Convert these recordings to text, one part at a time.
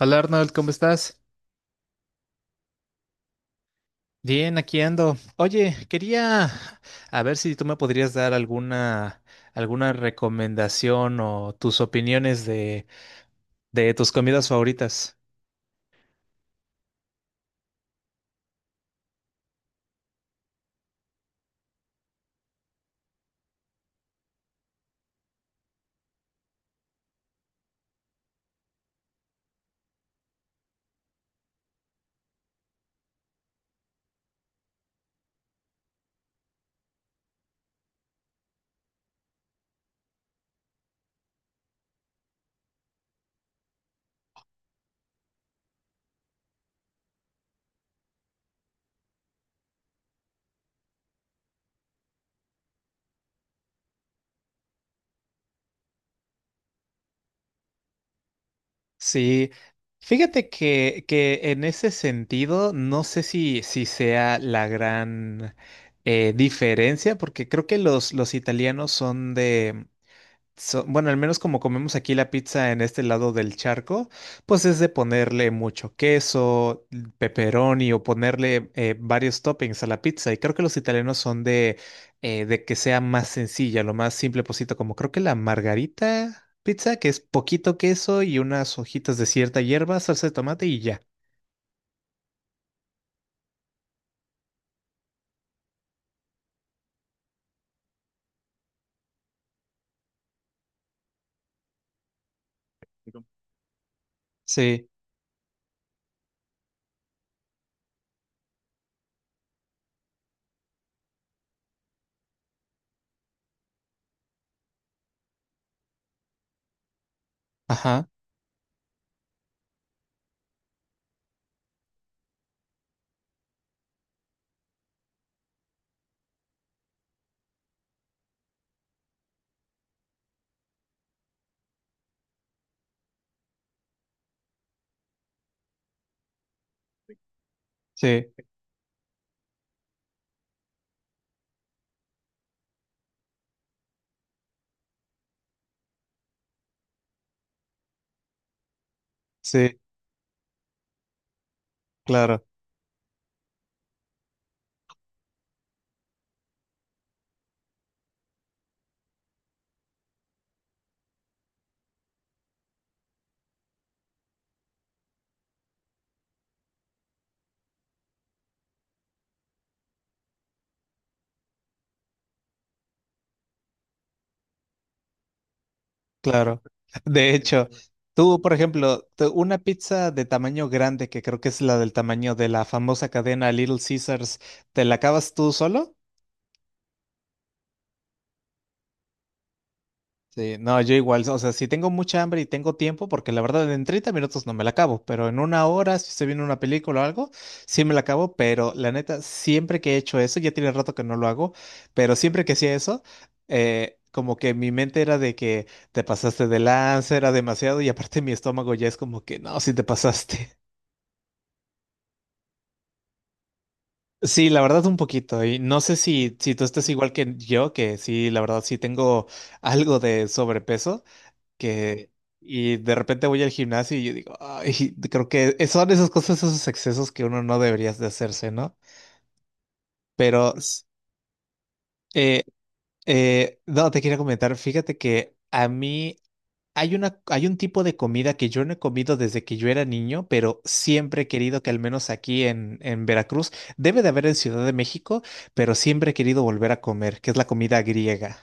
Hola Arnold, ¿cómo estás? Bien, aquí ando. Oye, quería a ver si tú me podrías dar alguna recomendación o tus opiniones de tus comidas favoritas. Sí, fíjate que en ese sentido no sé si sea la gran diferencia, porque creo que los italianos son de bueno, al menos como comemos aquí la pizza en este lado del charco, pues es de ponerle mucho queso, pepperoni o ponerle varios toppings a la pizza. Y creo que los italianos son de que sea más sencilla, lo más simple posible, como creo que la margarita pizza, que es poquito queso y unas hojitas de cierta hierba, salsa de tomate y ya. Sí, ajá, sí, sí, claro. Claro. De hecho, entonces, tú, por ejemplo, una pizza de tamaño grande, que creo que es la del tamaño de la famosa cadena Little Caesars, ¿te la acabas tú solo? Sí, no, yo igual, o sea, si tengo mucha hambre y tengo tiempo, porque la verdad en 30 minutos no me la acabo, pero en una hora, si se viene una película o algo, sí me la acabo, pero la neta, siempre que he hecho eso, ya tiene rato que no lo hago, pero siempre que hacía eso, como que mi mente era de que te pasaste de lanza, era demasiado, y aparte mi estómago ya es como que, no, si te pasaste. Sí, la verdad un poquito, y no sé si tú estás igual que yo, que sí, la verdad sí tengo algo de sobrepeso. Que Y de repente voy al gimnasio y yo digo, ay, creo que son esas cosas, esos excesos que uno no debería de hacerse, ¿no? Pero, eh, no, te quería comentar, fíjate que a mí hay un tipo de comida que yo no he comido desde que yo era niño, pero siempre he querido que al menos aquí en Veracruz, debe de haber en Ciudad de México, pero siempre he querido volver a comer, que es la comida griega.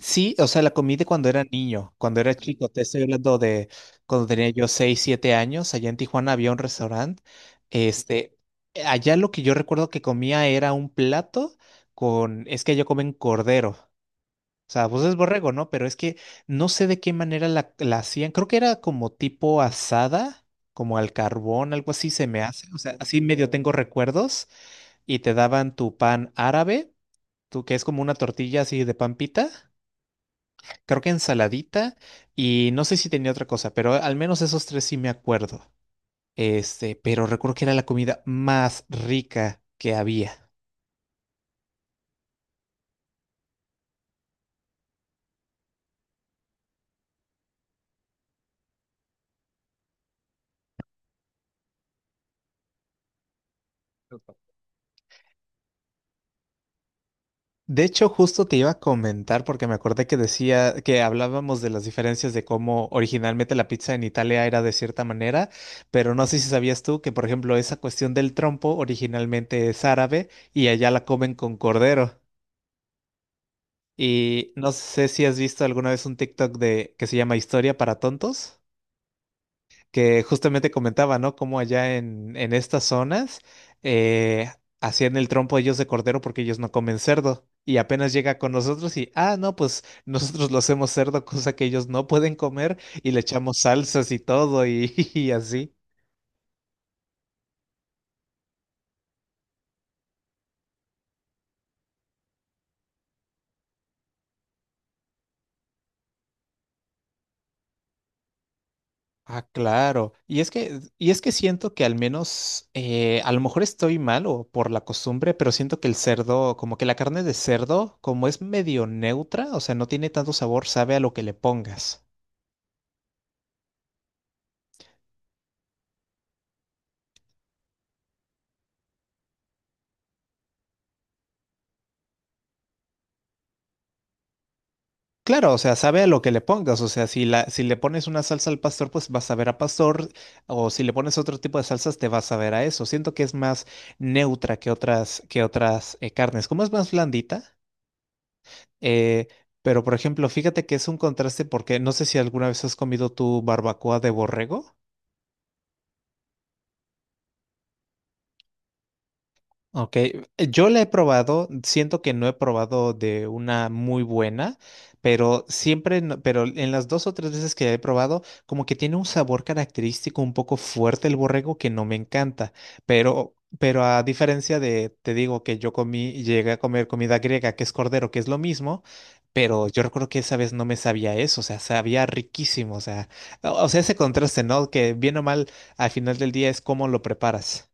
Sí, o sea, la comí de cuando era niño, cuando era chico. Te estoy hablando de cuando tenía yo 6, 7 años. Allá en Tijuana había un restaurante. Este, allá lo que yo recuerdo que comía era un plato con, es que ellos comen cordero. O sea, pues es borrego, ¿no? Pero es que no sé de qué manera la hacían. Creo que era como tipo asada, como al carbón, algo así se me hace. O sea, así medio tengo recuerdos. Y te daban tu pan árabe, tú que es como una tortilla así de pan pita creo que ensaladita y no sé si tenía otra cosa, pero al menos esos tres sí me acuerdo. Este, pero recuerdo que era la comida más rica que había. De hecho, justo te iba a comentar porque me acordé que decía que hablábamos de las diferencias de cómo originalmente la pizza en Italia era de cierta manera, pero no sé si sabías tú que, por ejemplo, esa cuestión del trompo originalmente es árabe y allá la comen con cordero. Y no sé si has visto alguna vez un TikTok de que se llama Historia para tontos, que justamente comentaba, ¿no? Como allá en estas zonas eh, hacían el trompo ellos de cordero porque ellos no comen cerdo. Y apenas llega con nosotros y, ah, no, pues nosotros lo hacemos cerdo, cosa que ellos no pueden comer, y le echamos salsas y todo y, y así. Ah, claro. Y es que siento que al menos, a lo mejor estoy mal o por la costumbre, pero siento que el cerdo, como que la carne de cerdo, como es medio neutra, o sea, no tiene tanto sabor, sabe a lo que le pongas. Claro, o sea, sabe a lo que le pongas, o sea, si le pones una salsa al pastor, pues vas a ver a pastor, o si le pones otro tipo de salsas, te vas a ver a eso. Siento que es más neutra que otras carnes. Como es más blandita, eh, pero por ejemplo, fíjate que es un contraste porque no sé si alguna vez has comido tu barbacoa de borrego. Ok, yo la he probado, siento que no he probado de una muy buena, pero siempre, pero en las dos o tres veces que la he probado, como que tiene un sabor característico un poco fuerte el borrego que no me encanta, pero a diferencia de, te digo que yo comí, llegué a comer comida griega, que es cordero, que es lo mismo, pero yo recuerdo que esa vez no me sabía eso, o sea, sabía riquísimo, o sea, o sea, ese contraste, ¿no? Que bien o mal, al final del día es cómo lo preparas.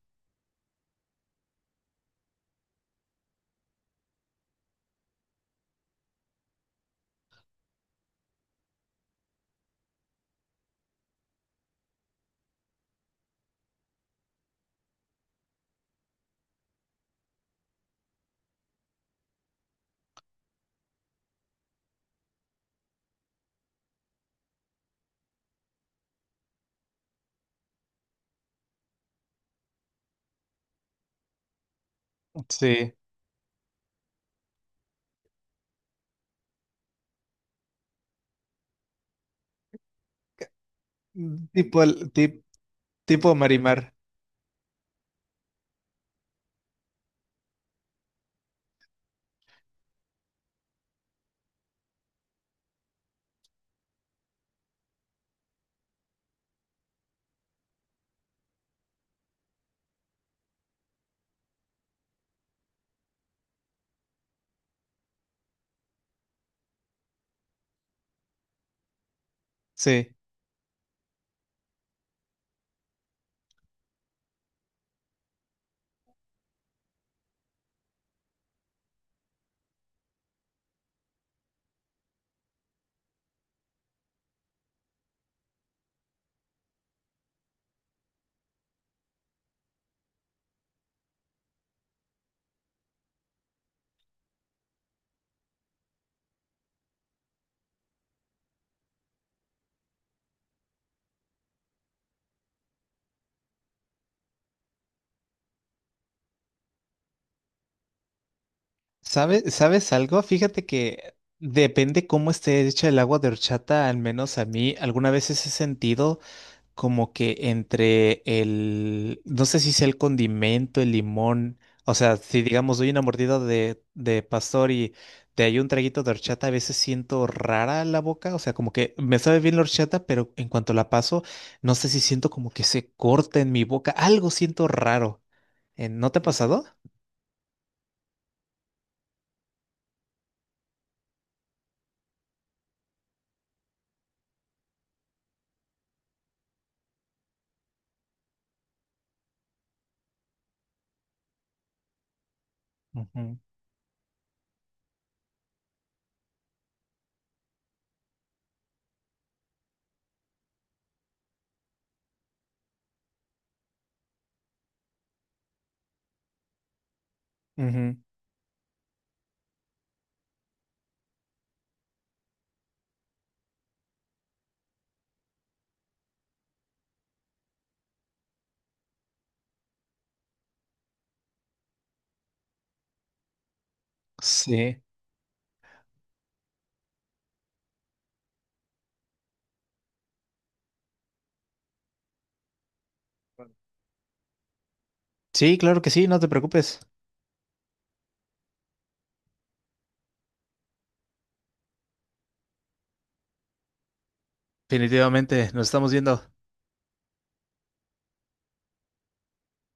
Sí. Tipo, tipo Marimar, sí. ¿Sabes algo? Fíjate que depende cómo esté hecha el agua de horchata, al menos a mí, alguna vez he sentido como que entre el, no sé si sea el condimento, el limón, o sea, si digamos doy una mordida de pastor y te hay un traguito de horchata, a veces siento rara la boca, o sea, como que me sabe bien la horchata, pero en cuanto la paso, no sé si siento como que se corta en mi boca, algo siento raro. ¿No te ha pasado? Ujú, ujú. Sí, Sí, claro que sí, no te preocupes. Definitivamente, nos estamos viendo.